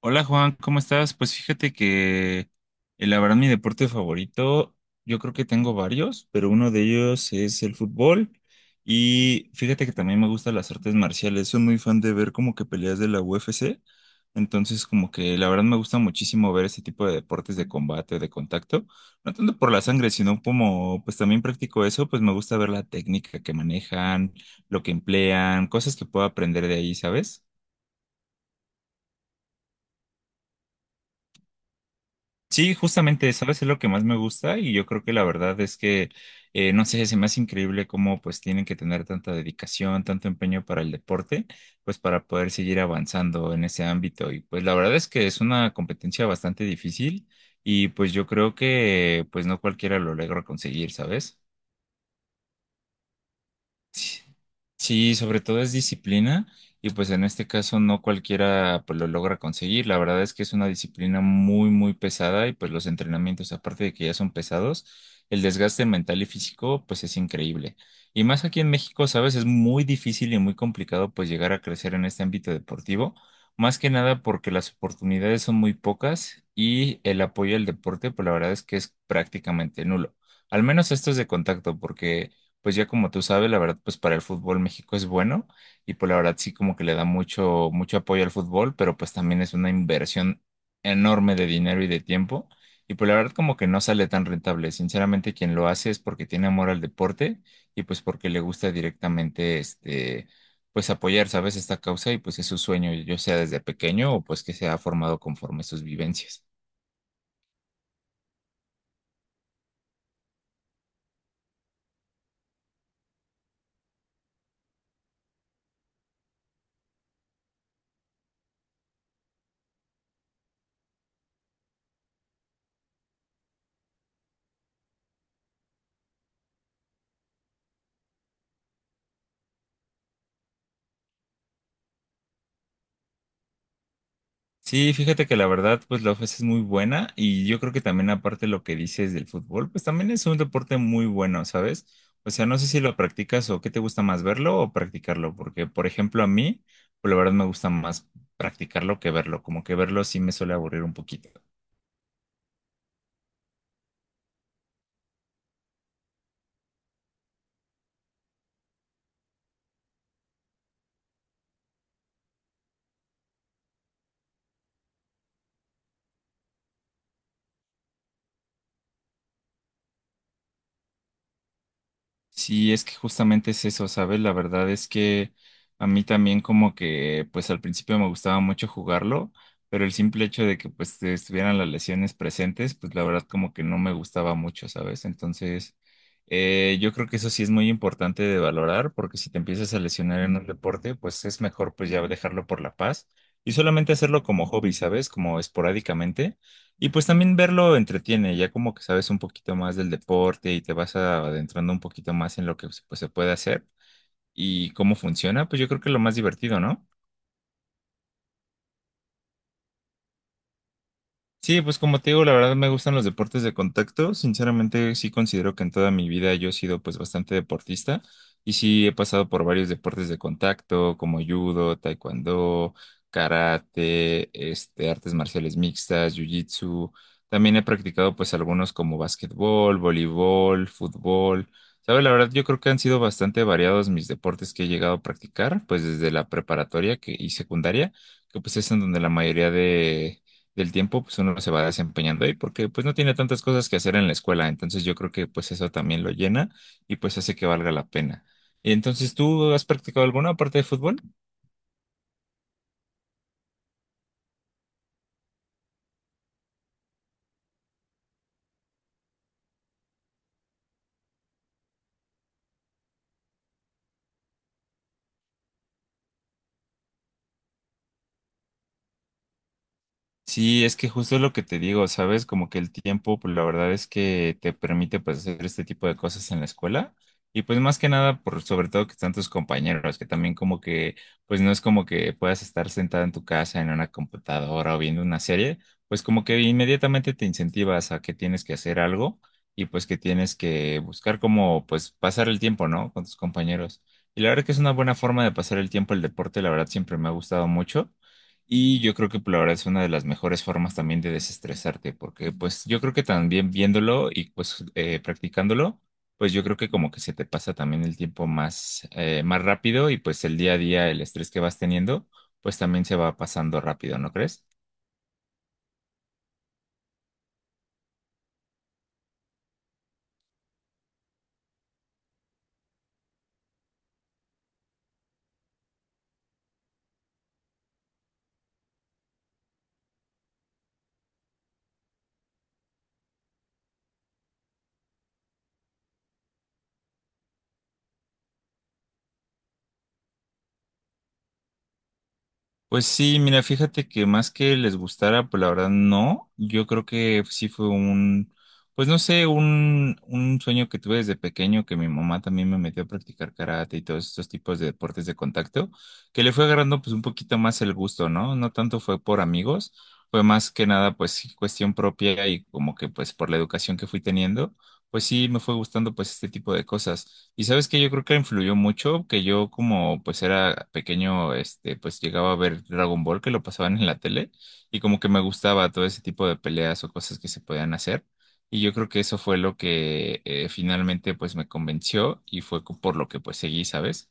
Hola Juan, ¿cómo estás? Pues fíjate que la verdad mi deporte favorito, yo creo que tengo varios, pero uno de ellos es el fútbol y fíjate que también me gustan las artes marciales, soy muy fan de ver como que peleas de la UFC, entonces como que la verdad me gusta muchísimo ver este tipo de deportes de combate, de contacto, no tanto por la sangre, sino como pues también practico eso, pues me gusta ver la técnica que manejan, lo que emplean, cosas que puedo aprender de ahí, ¿sabes? Sí, justamente, ¿sabes? Es lo que más me gusta y yo creo que la verdad es que, no sé, se me hace increíble cómo pues tienen que tener tanta dedicación, tanto empeño para el deporte, pues para poder seguir avanzando en ese ámbito. Y pues la verdad es que es una competencia bastante difícil y pues yo creo que pues no cualquiera lo logra conseguir, ¿sabes? Sí. Sí, sobre todo es disciplina y pues en este caso no cualquiera pues lo logra conseguir. La verdad es que es una disciplina muy muy pesada y pues los entrenamientos aparte de que ya son pesados, el desgaste mental y físico pues es increíble. Y más aquí en México, sabes, es muy difícil y muy complicado pues llegar a crecer en este ámbito deportivo, más que nada porque las oportunidades son muy pocas y el apoyo al deporte pues la verdad es que es prácticamente nulo. Al menos esto es de contacto porque pues ya como tú sabes, la verdad, pues para el fútbol México es bueno y pues la verdad sí como que le da mucho, mucho apoyo al fútbol, pero pues también es una inversión enorme de dinero y de tiempo y pues la verdad como que no sale tan rentable. Sinceramente, quien lo hace es porque tiene amor al deporte y pues porque le gusta directamente este, pues apoyar, ¿sabes? Esta causa y pues es su sueño, yo sea desde pequeño o pues que se ha formado conforme sus vivencias. Sí, fíjate que la verdad, pues la ofensa es muy buena y yo creo que también aparte lo que dices del fútbol, pues también es un deporte muy bueno, ¿sabes? O sea, no sé si lo practicas o qué te gusta más verlo o practicarlo, porque por ejemplo a mí, pues la verdad me gusta más practicarlo que verlo, como que verlo sí me suele aburrir un poquito. Sí, es que justamente es eso, ¿sabes? La verdad es que a mí también como que pues al principio me gustaba mucho jugarlo, pero el simple hecho de que pues estuvieran las lesiones presentes, pues la verdad como que no me gustaba mucho, ¿sabes? Entonces, yo creo que eso sí es muy importante de valorar, porque si te empiezas a lesionar en un deporte, pues es mejor pues ya dejarlo por la paz y solamente hacerlo como hobby, ¿sabes? Como esporádicamente y pues también verlo entretiene, ya como que sabes un poquito más del deporte y te vas adentrando un poquito más en lo que pues, se puede hacer y cómo funciona, pues yo creo que es lo más divertido, ¿no? Sí, pues como te digo, la verdad me gustan los deportes de contacto. Sinceramente, sí considero que en toda mi vida yo he sido pues bastante deportista y sí he pasado por varios deportes de contacto como judo, taekwondo, karate, este, artes marciales mixtas, jiu-jitsu. También he practicado pues algunos como básquetbol, voleibol, fútbol. ¿Sabes? La verdad yo creo que han sido bastante variados mis deportes que he llegado a practicar pues desde la preparatoria que, y secundaria, que pues es en donde la mayoría de del tiempo, pues uno se va desempeñando ahí porque pues no tiene tantas cosas que hacer en la escuela. Entonces yo creo que pues eso también lo llena y pues hace que valga la pena. Entonces, ¿tú has practicado alguna aparte de fútbol? Sí, es que justo es lo que te digo, ¿sabes? Como que el tiempo, pues la verdad es que te permite pues hacer este tipo de cosas en la escuela y pues más que nada por sobre todo que están tus compañeros, que también como que pues no es como que puedas estar sentado en tu casa en una computadora o viendo una serie, pues como que inmediatamente te incentivas a que tienes que hacer algo y pues que tienes que buscar como pues pasar el tiempo, ¿no? Con tus compañeros. Y la verdad que es una buena forma de pasar el tiempo el deporte, la verdad siempre me ha gustado mucho. Y yo creo que pues, la verdad es una de las mejores formas también de desestresarte, porque pues yo creo que también viéndolo y pues practicándolo, pues yo creo que como que se te pasa también el tiempo más, más rápido y pues el día a día, el estrés que vas teniendo, pues también se va pasando rápido, ¿no crees? Pues sí, mira, fíjate que más que les gustara, pues la verdad no. Yo creo que sí fue pues no sé, un sueño que tuve desde pequeño, que mi mamá también me metió a practicar karate y todos estos tipos de deportes de contacto, que le fue agarrando pues un poquito más el gusto, ¿no? No tanto fue por amigos, fue más que nada pues sí, cuestión propia y como que pues por la educación que fui teniendo, pues sí me fue gustando pues este tipo de cosas. Y sabes que yo creo que influyó mucho, que yo como pues era pequeño, este, pues llegaba a ver Dragon Ball que lo pasaban en la tele y como que me gustaba todo ese tipo de peleas o cosas que se podían hacer. Y yo creo que eso fue lo que finalmente pues me convenció y fue por lo que pues seguí, ¿sabes?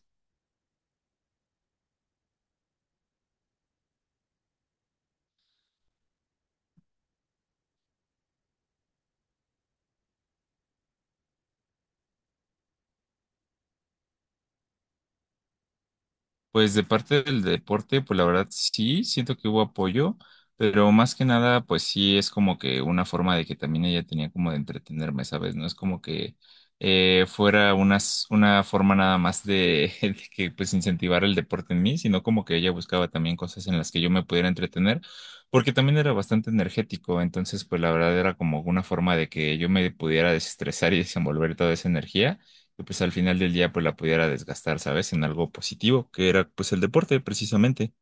Pues de parte del deporte, pues la verdad sí, siento que hubo apoyo, pero más que nada, pues sí es como que una forma de que también ella tenía como de entretenerme, ¿sabes? No es como que fuera una forma nada más de, de que pues incentivar el deporte en mí, sino como que ella buscaba también cosas en las que yo me pudiera entretener, porque también era bastante energético, entonces pues la verdad era como una forma de que yo me pudiera desestresar y desenvolver toda esa energía que pues al final del día pues la pudiera desgastar, ¿sabes? En algo positivo, que era pues el deporte precisamente.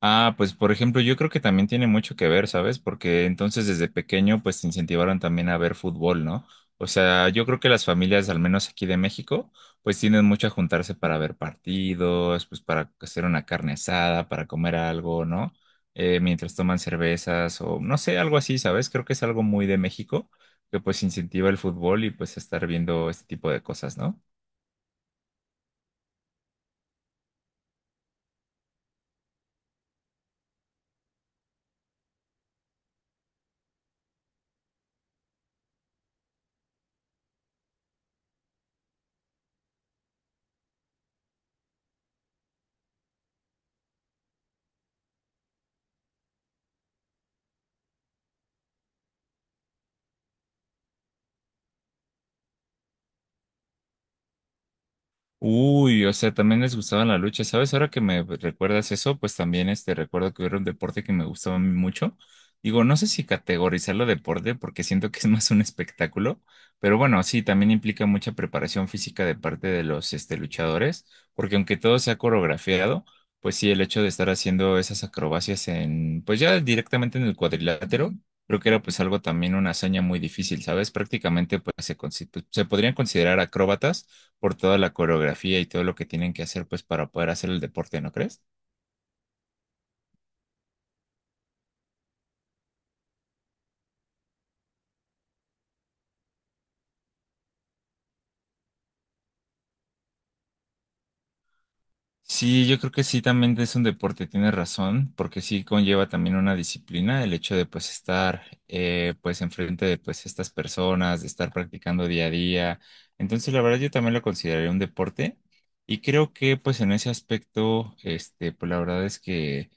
Ah, pues por ejemplo, yo creo que también tiene mucho que ver, ¿sabes? Porque entonces desde pequeño pues te incentivaron también a ver fútbol, ¿no? O sea, yo creo que las familias, al menos aquí de México, pues tienden mucho a juntarse para ver partidos, pues para hacer una carne asada, para comer algo, ¿no? Mientras toman cervezas o no sé, algo así, ¿sabes? Creo que es algo muy de México que pues incentiva el fútbol y pues estar viendo este tipo de cosas, ¿no? Uy, o sea, también les gustaba la lucha, ¿sabes? Ahora que me recuerdas eso, pues también este recuerdo que era un deporte que me gustaba a mí mucho. Digo, no sé si categorizarlo deporte porque siento que es más un espectáculo, pero bueno, sí, también implica mucha preparación física de parte de los este luchadores, porque aunque todo sea coreografiado, pues sí, el hecho de estar haciendo esas acrobacias en, pues ya directamente en el cuadrilátero, creo que era pues algo también una hazaña muy difícil, ¿sabes? Prácticamente pues se, se podrían considerar acróbatas por toda la coreografía y todo lo que tienen que hacer pues para poder hacer el deporte, ¿no crees? Sí, yo creo que sí también es un deporte, tienes razón, porque sí conlleva también una disciplina el hecho de pues estar pues enfrente de pues estas personas, de estar practicando día a día. Entonces, la verdad yo también lo consideraría un deporte y creo que pues en ese aspecto, este, pues la verdad es que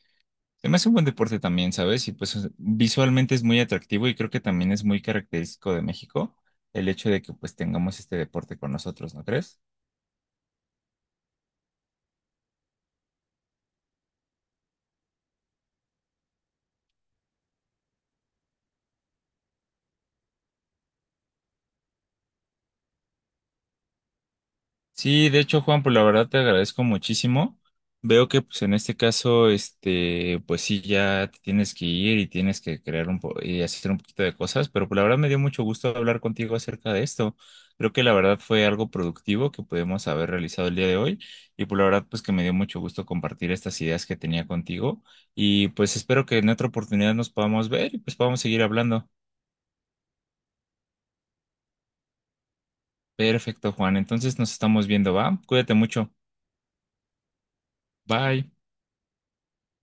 se me hace un buen deporte también, ¿sabes? Y pues visualmente es muy atractivo y creo que también es muy característico de México el hecho de que pues tengamos este deporte con nosotros, ¿no crees? Sí, de hecho, Juan, pues la verdad te agradezco muchísimo. Veo que pues en este caso, este, pues sí, ya te tienes que ir y tienes que crear un po y hacer un poquito de cosas, pero pues la verdad me dio mucho gusto hablar contigo acerca de esto. Creo que la verdad fue algo productivo que pudimos haber realizado el día de hoy y pues la verdad pues que me dio mucho gusto compartir estas ideas que tenía contigo y pues espero que en otra oportunidad nos podamos ver y pues podamos seguir hablando. Perfecto, Juan. Entonces nos estamos viendo, ¿va? Cuídate mucho. Bye.